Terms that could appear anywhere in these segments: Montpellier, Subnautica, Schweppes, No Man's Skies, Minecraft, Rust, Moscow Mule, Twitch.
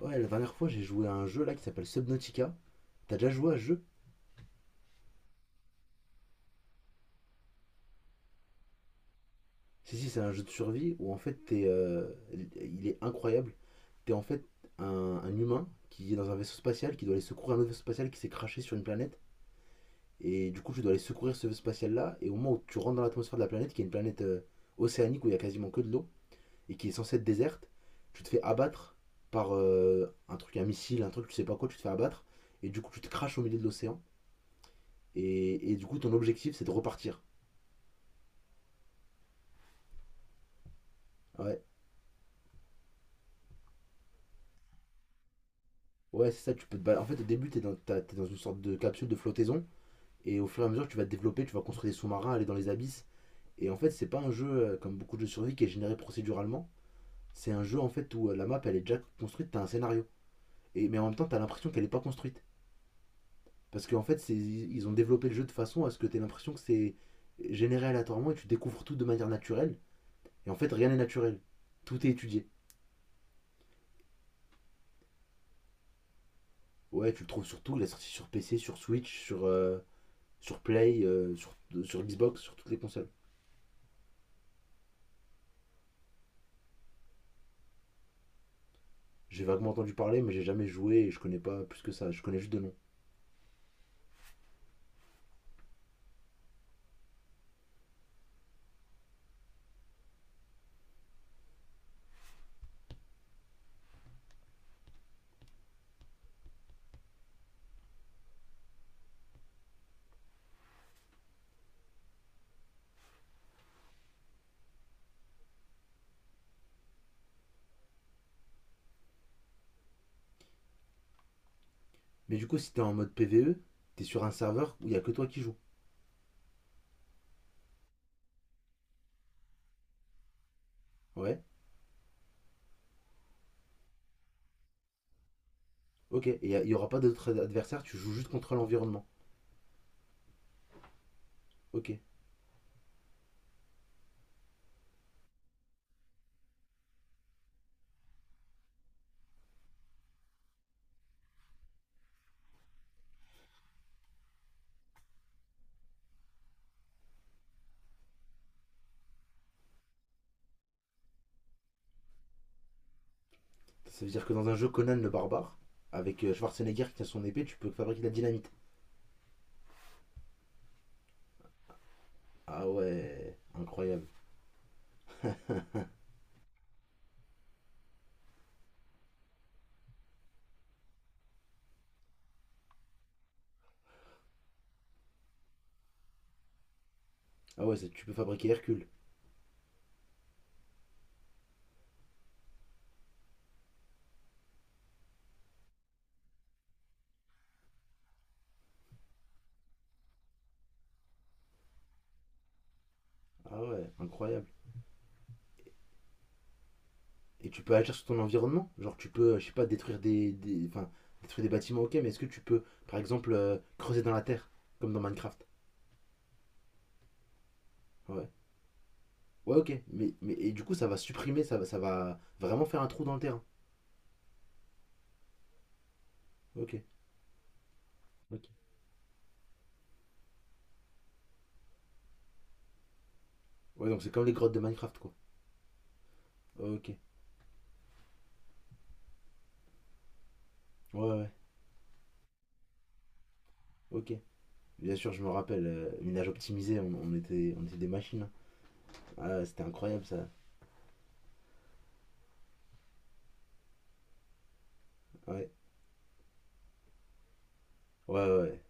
Ouais, la dernière fois, j'ai joué à un jeu là qui s'appelle Subnautica. T'as déjà joué à ce jeu? Si, si, c'est un jeu de survie où en fait, t'es, il est incroyable. T'es en fait un, un humain qui est dans un vaisseau spatial qui doit aller secourir un autre vaisseau spatial qui s'est craché sur une planète. Et du coup, tu dois aller secourir ce vaisseau spatial là. Et au moment où tu rentres dans l'atmosphère de la planète, qui est une planète océanique où il y a quasiment que de l'eau et qui est censée être déserte, tu te fais abattre par un truc, un missile, un truc, tu sais pas quoi, tu te fais abattre. Et du coup, tu te craches au milieu de l'océan. Et du coup, ton objectif, c'est de repartir. Ouais, ouais, c'est ça, tu peux te balader. En fait, au début, t'es dans une sorte de capsule de flottaison, et au fur et à mesure, tu vas te développer, tu vas construire des sous-marins, aller dans les abysses. Et en fait, c'est pas un jeu comme beaucoup de jeux de survie qui est généré procéduralement. C'est un jeu en fait où la map elle est déjà construite, t'as un scénario. Mais en même temps, t'as l'impression qu'elle est pas construite. Parce qu'en fait, ils ont développé le jeu de façon à ce que t'aies l'impression que c'est généré aléatoirement et tu découvres tout de manière naturelle. Et en fait, rien n'est naturel. Tout est étudié. Ouais, tu le trouves surtout, il est sorti sur PC, sur Switch, sur Play, sur Xbox, sur toutes les consoles. J'ai vaguement entendu parler, mais j'ai jamais joué et je connais pas plus que ça. Je connais juste de nom. Mais du coup, si t'es en mode PVE, t'es sur un serveur où il y a que toi qui joues. Ouais. Ok. Et il y aura pas d'autres adversaires. Tu joues juste contre l'environnement. Ok. Ça veut dire que dans un jeu Conan le barbare, avec Schwarzenegger qui a son épée, tu peux fabriquer de la dynamite. Ah ouais, incroyable. Ah ouais, tu peux fabriquer Hercule. Ah ouais, incroyable. Et tu peux agir sur ton environnement. Genre, tu peux, je sais pas, détruire enfin, détruire des bâtiments, ok, mais est-ce que tu peux, par exemple, creuser dans la terre, comme dans Minecraft. Ouais. Ouais, ok. Mais et du coup, ça va supprimer, ça va vraiment faire un trou dans le terrain. Ok. Ok. Ouais, donc c'est comme les grottes de Minecraft, quoi. Ok. Ouais, ouais, ouais. Ok. Bien sûr, je me rappelle, minage optimisé, on était des machines, hein. Ah, c'était incroyable, ça. Ouais. Ouais, ouais. Ouais,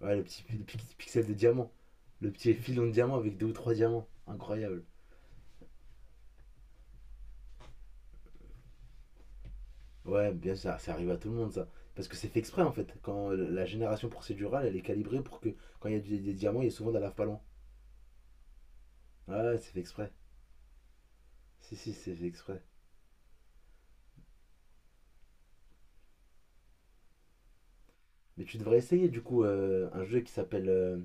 ouais, le petit pixel de diamant. Le petit filon de diamant avec deux ou trois diamants. Incroyable. Ouais, bien sûr, ça arrive à tout le monde, ça. Parce que c'est fait exprès, en fait. Quand la génération procédurale, elle est calibrée pour que, quand il y a des diamants, il y a souvent de la lave pas loin. Ouais, ouais, c'est fait exprès. Si, si, c'est fait exprès. Mais tu devrais essayer du coup un jeu qui s'appelle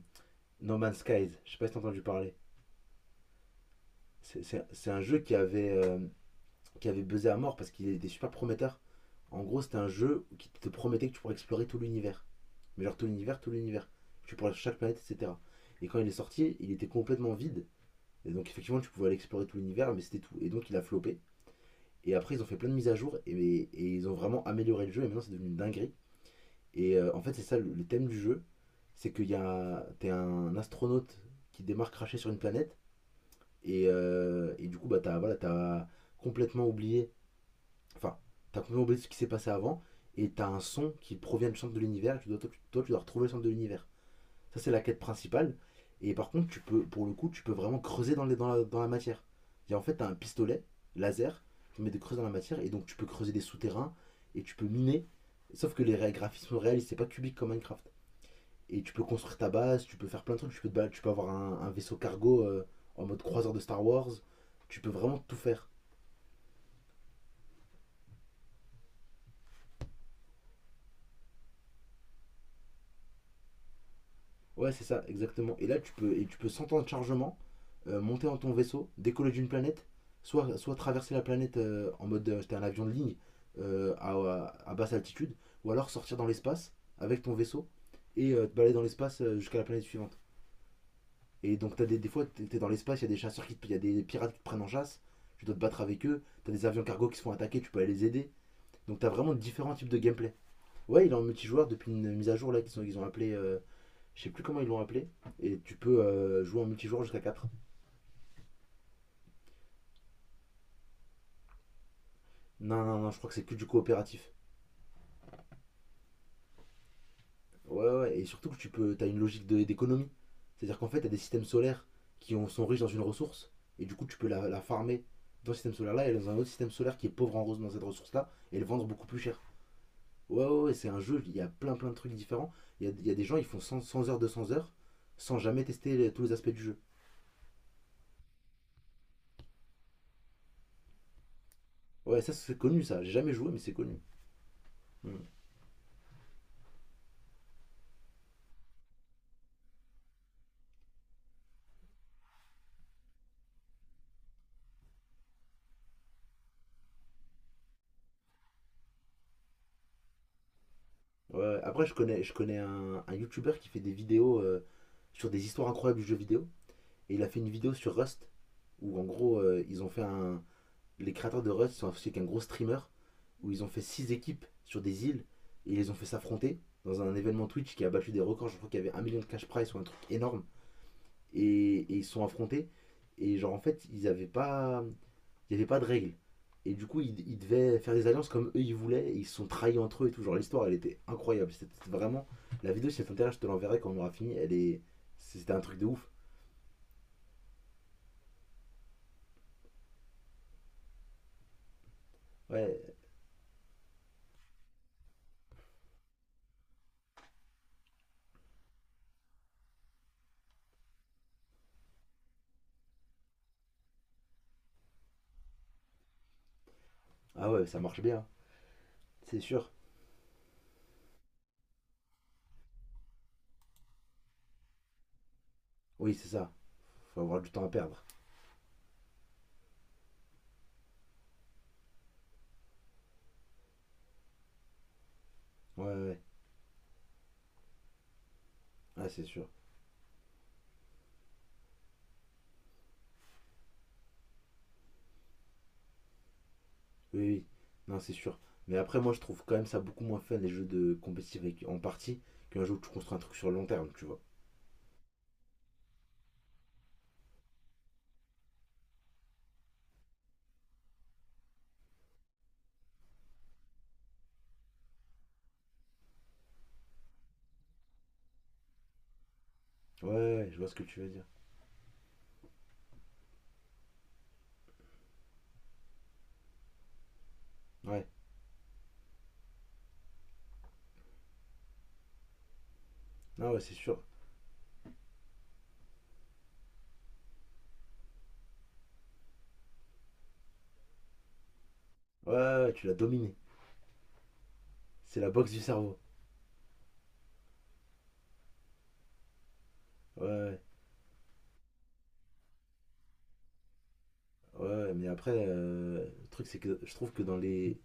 No Man's Skies. Je sais pas si t'as entendu parler. C'est un jeu qui avait buzzé à mort parce qu'il était super prometteur. En gros, c'était un jeu qui te promettait que tu pourrais explorer tout l'univers. Mais genre tout l'univers, tout l'univers. Tu pourrais chaque planète, etc. Et quand il est sorti, il était complètement vide. Et donc effectivement, tu pouvais aller explorer tout l'univers, mais c'était tout. Et donc il a floppé. Et après, ils ont fait plein de mises à jour et ils ont vraiment amélioré le jeu. Et maintenant, c'est devenu une dinguerie. Et en fait, c'est ça, le thème du jeu, c'est que t'es un astronaute qui démarre craché sur une planète, et du coup, bah, t'as complètement oublié, enfin, t'as complètement oublié ce qui s'est passé avant, et t'as un son qui provient du centre de l'univers, et tu dois, toi, tu dois retrouver le centre de l'univers. Ça, c'est la quête principale. Et par contre, tu peux, pour le coup, tu peux vraiment creuser dans la matière. Et en fait, t'as un pistolet laser qui met des creuses dans la matière, et donc tu peux creuser des souterrains, et tu peux miner. Sauf que les graphismes réels, c'est pas cubique comme Minecraft. Et tu peux construire ta base, tu peux faire plein de trucs, tu peux, te balader, tu peux avoir un vaisseau cargo, en mode croiseur de Star Wars, tu peux vraiment tout faire. Ouais, c'est ça, exactement. Et là, tu peux, et tu peux sans temps de chargement monter dans ton vaisseau, décoller d'une planète, soit traverser la planète en mode t'es un avion de ligne à basse altitude, ou alors sortir dans l'espace avec ton vaisseau et te balader dans l'espace jusqu'à la planète suivante. Et donc, t'as des fois, t'es dans l'espace, il y a des chasseurs y a des pirates qui te prennent en chasse, tu dois te battre avec eux, t'as des avions cargo qui se font attaquer, tu peux aller les aider. Donc, t'as vraiment différents types de gameplay. Ouais, il est en multijoueur depuis une mise à jour là, ils ont appelé. Je sais plus comment ils l'ont appelé. Et tu peux jouer en multijoueur jusqu'à quatre. Non, non, non, je crois que c'est que du coopératif. Ouais, ouais, et surtout que t'as une logique d'économie. C'est-à-dire qu'en fait, t'as des systèmes solaires qui sont riches dans une ressource, et du coup, tu peux la farmer dans ce système solaire-là et dans un autre système solaire qui est pauvre en rose dans cette ressource-là, et le vendre beaucoup plus cher. Ouais, ouais, ouais, c'est un jeu, il y a plein plein de trucs différents. Il y a des gens, ils font 100 100 heures, 200 heures, sans jamais tester tous les aspects du jeu. Ouais, ça c'est connu ça, j'ai jamais joué, mais c'est connu. Mm. Ouais, après, je connais un YouTuber qui fait des vidéos sur des histoires incroyables du jeu vidéo, et il a fait une vidéo sur Rust, où en gros, ils ont fait un. Les créateurs de Rust sont associés avec un gros streamer, où ils ont fait 6 équipes sur des îles, et ils les ont fait s'affronter dans un événement Twitch qui a battu des records, je crois qu'il y avait un million de cash prize ou un truc énorme. Et ils se sont affrontés. Et genre, en fait, ils avaient pas. Il n'y avait pas de règles. Et du coup, ils devaient faire des alliances comme eux ils voulaient. Et ils se sont trahis entre eux et tout. Genre, l'histoire, elle était incroyable. C'était vraiment. La vidéo, si ça t'intéresse, je te l'enverrai quand on aura fini. Elle est. C'était un truc de ouf. Ouais. Ah ouais, ça marche bien. C'est sûr. Oui, c'est ça. Faut avoir du temps à perdre. Ouais, ouais, ouais. Ah, c'est sûr. Oui, oui. Non, c'est sûr. Mais après, moi, je trouve quand même ça beaucoup moins fun, les jeux de compétitif en partie, qu'un jeu où tu construis un truc sur le long terme, tu vois. Ouais, ouais, ouais, je vois ce que tu veux dire. Ouais, ah ouais, c'est sûr. Ouais, ouais, ouais, tu l'as dominé. C'est la boxe du cerveau. Ouais, ouais. Ouais, mais après, le truc, c'est que je trouve que dans les,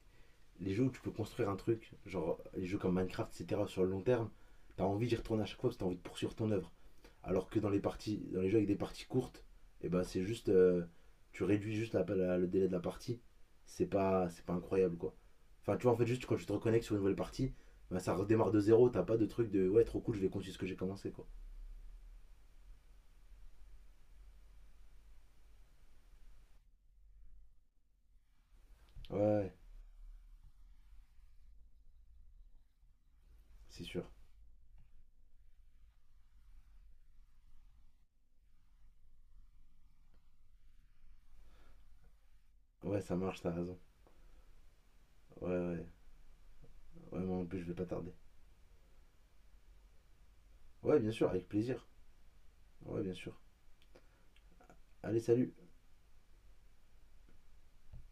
les jeux où tu peux construire un truc, genre les jeux comme Minecraft, etc., sur le long terme, t'as envie d'y retourner à chaque fois parce que t'as envie de poursuivre ton œuvre. Alors que dans les parties, dans les jeux avec des parties courtes, et ben c'est juste, tu réduis juste le délai de la partie. C'est pas incroyable quoi. Enfin, tu vois, en fait, juste quand tu te reconnectes sur une nouvelle partie, ben, ça redémarre de zéro. T'as pas de truc de ouais, trop cool, je vais continuer ce que j'ai commencé quoi. Ouais, ouais, c'est sûr. Ouais, ça marche, t'as raison. Ouais, ouais. Ouais, moi en plus, je vais pas tarder. Ouais, bien sûr, avec plaisir. Ouais, bien sûr. Allez, salut.